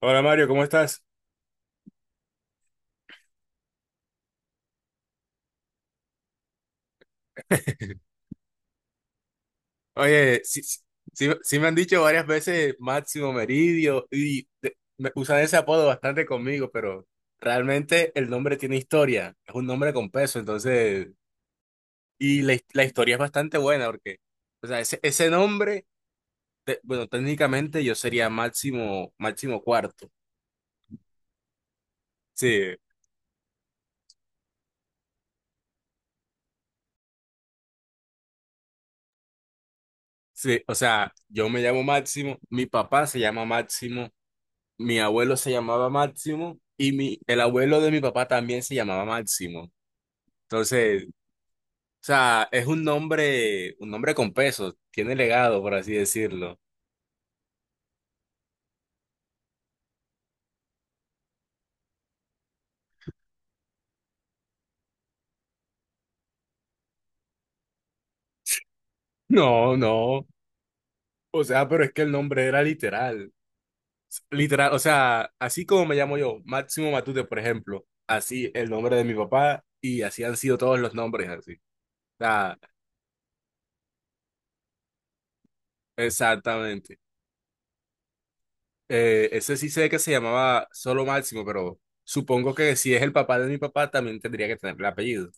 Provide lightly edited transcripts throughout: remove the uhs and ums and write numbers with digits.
Hola Mario, ¿cómo estás? Oye, sí, sí, sí me han dicho varias veces Máximo Meridio y me usan ese apodo bastante conmigo, pero realmente el nombre tiene historia, es un nombre con peso, entonces, la historia es bastante buena porque, o sea, ese nombre, bueno, técnicamente yo sería Máximo, Máximo Cuarto, sí, sí, o sea, yo me llamo Máximo, mi papá se llama Máximo, mi abuelo se llamaba Máximo y el abuelo de mi papá también se llamaba Máximo. Entonces, o sea, es un nombre con peso, tiene legado, por así decirlo. No, no. O sea, pero es que el nombre era literal. Literal, o sea, así como me llamo yo, Máximo Matute, por ejemplo, así el nombre de mi papá y así han sido todos los nombres así. O sea, exactamente. Ese sí sé que se llamaba Solo Máximo, pero supongo que si es el papá de mi papá, también tendría que tener el apellido.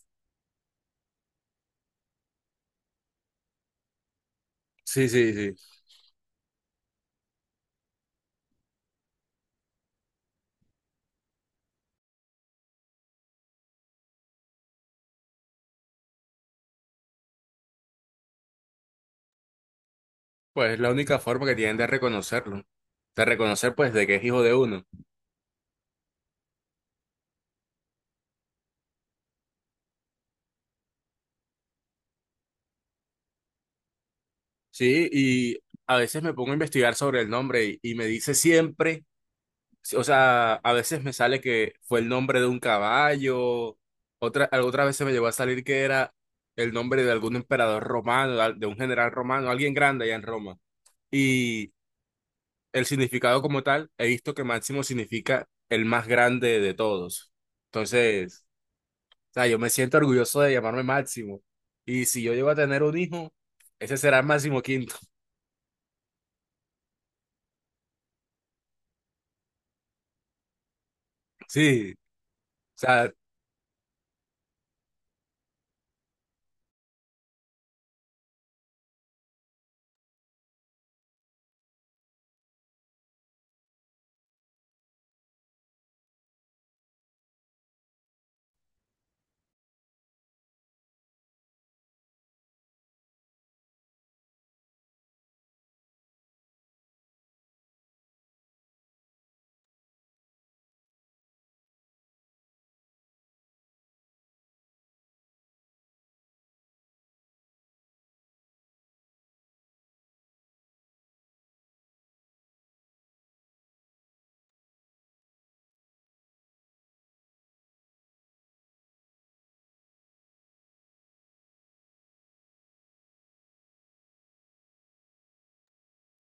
Sí, sí, sí. Pues es la única forma que tienen de reconocerlo. De reconocer, pues, de que es hijo de uno. Sí, y a veces me pongo a investigar sobre el nombre y me dice siempre, si, o sea, a veces me sale que fue el nombre de un caballo, otra vez se me llegó a salir que era el nombre de algún emperador romano, de un general romano, alguien grande allá en Roma. Y el significado como tal, he visto que máximo significa el más grande de todos. Entonces, o sea, yo me siento orgulloso de llamarme Máximo. Y si yo llego a tener un hijo, ese será Máximo Quinto. Sí, o sea,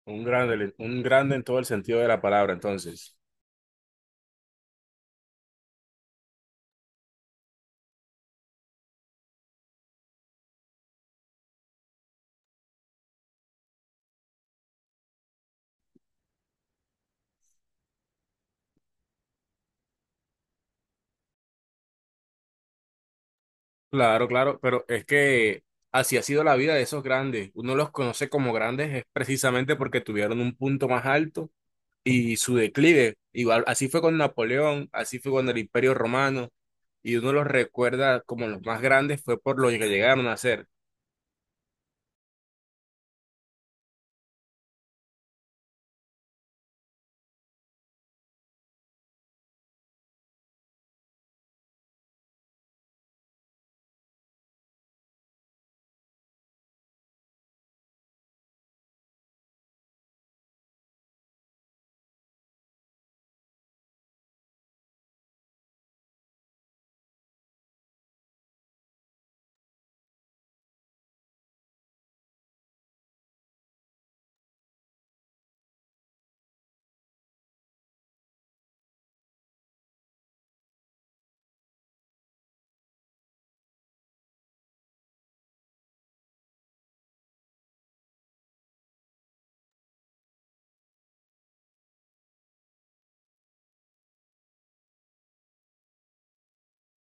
un grande en todo el sentido de la palabra, entonces. Claro, claro, pero es que así ha sido la vida de esos grandes. Uno los conoce como grandes es precisamente porque tuvieron un punto más alto y su declive. Igual, así fue con Napoleón, así fue con el Imperio Romano, y uno los recuerda como los más grandes fue por lo que llegaron a hacer.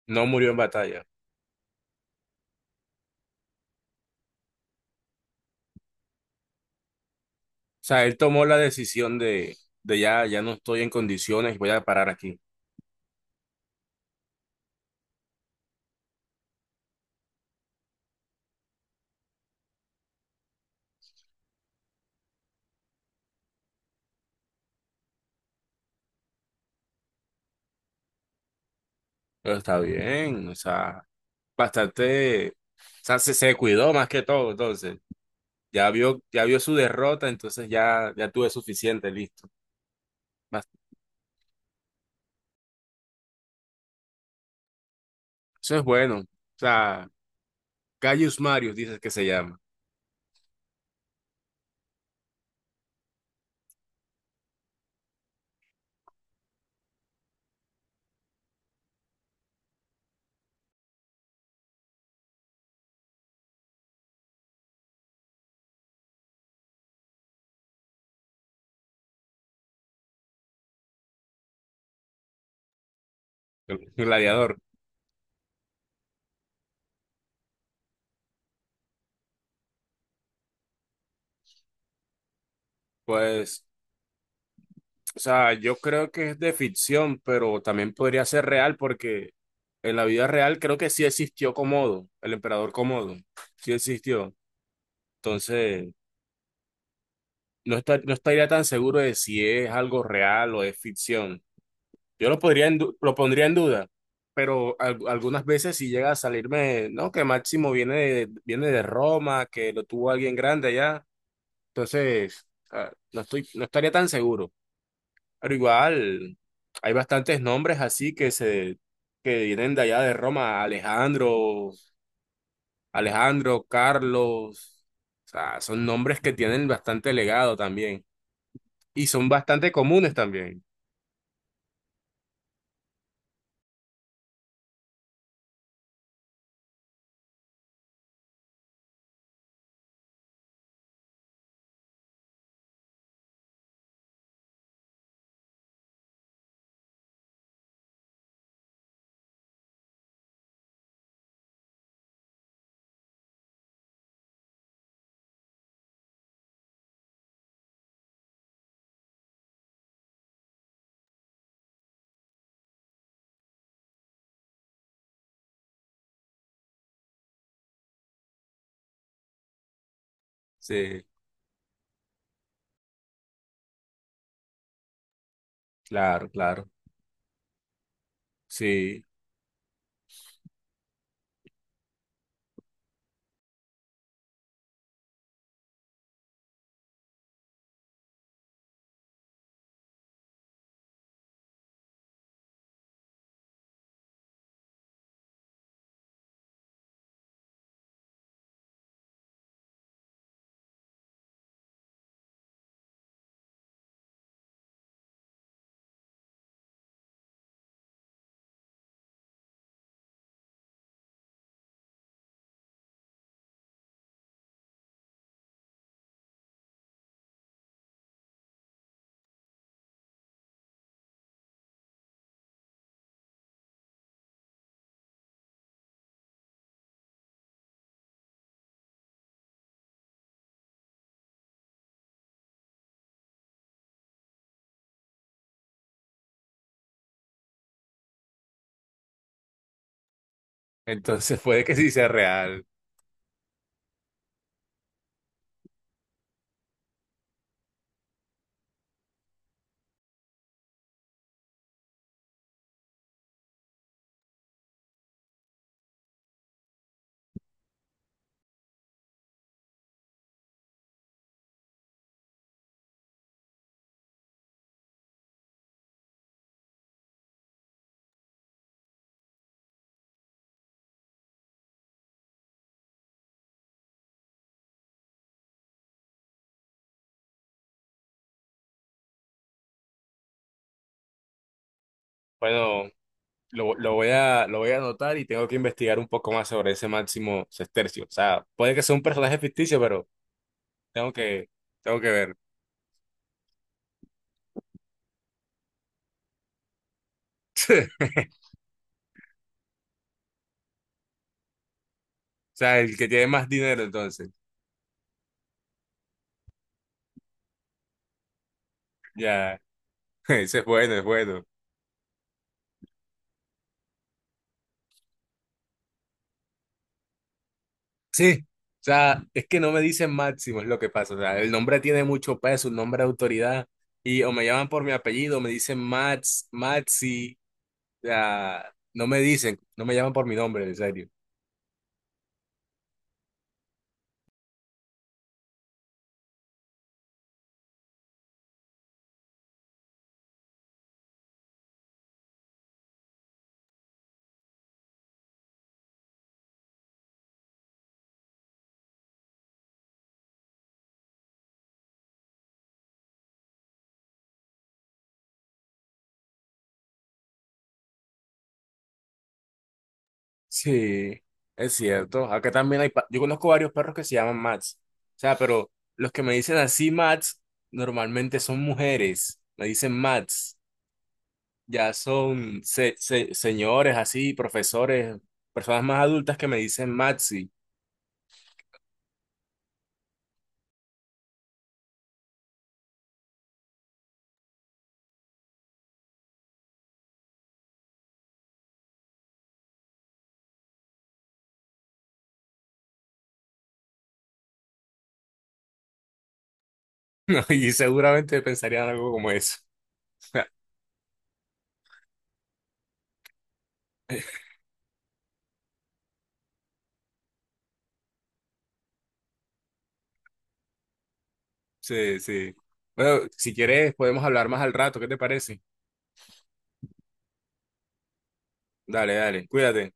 No murió en batalla. O sea, él tomó la decisión de ya, ya no estoy en condiciones, voy a parar aquí. Pero está bien, o sea, bastante, o sea, se cuidó más que todo, entonces. Ya vio su derrota, entonces ya, ya tuve suficiente, listo. Bast- Eso es bueno. O sea, Gaius Marius dices que se llama, el gladiador. Pues, o sea, yo creo que es de ficción, pero también podría ser real porque en la vida real creo que sí existió Comodo, el emperador Comodo, sí existió. Entonces, no está, no estaría tan seguro de si es algo real o es ficción. Yo lo podría lo pondría en duda, pero algunas veces si llega a salirme, no, que Máximo viene de Roma, que lo tuvo alguien grande allá, entonces, ah, no estoy, no estaría tan seguro. Pero igual, hay bastantes nombres así que vienen de allá de Roma, Alejandro, Alejandro, Carlos, o sea, son nombres que tienen bastante legado también y son bastante comunes también. Sí, claro, claro. Sí, entonces puede que sí sea real. Bueno, lo voy a anotar y tengo que investigar un poco más sobre ese Máximo Sestercio. O sea, puede que sea un personaje ficticio, pero tengo que tengo que ver. sea, el que tiene más dinero, entonces. Ya, ese es bueno, es bueno. Sí, o sea, es que no me dicen Máximo, es lo que pasa. O sea, el nombre tiene mucho peso, un nombre de autoridad. Y o me llaman por mi apellido, me dicen Max, Maxi. O sea, no me dicen, no me llaman por mi nombre, en serio. Sí, es cierto. Acá también hay, yo conozco varios perros que se llaman Max. O sea, pero los que me dicen así Max, normalmente son mujeres. Me dicen Max. Ya son señores así, profesores, personas más adultas que me dicen Maxi, ¿no? Y seguramente pensarían algo como eso. Sí, sí. Bueno, si quieres podemos hablar más al rato, ¿qué te parece? Dale, dale, cuídate.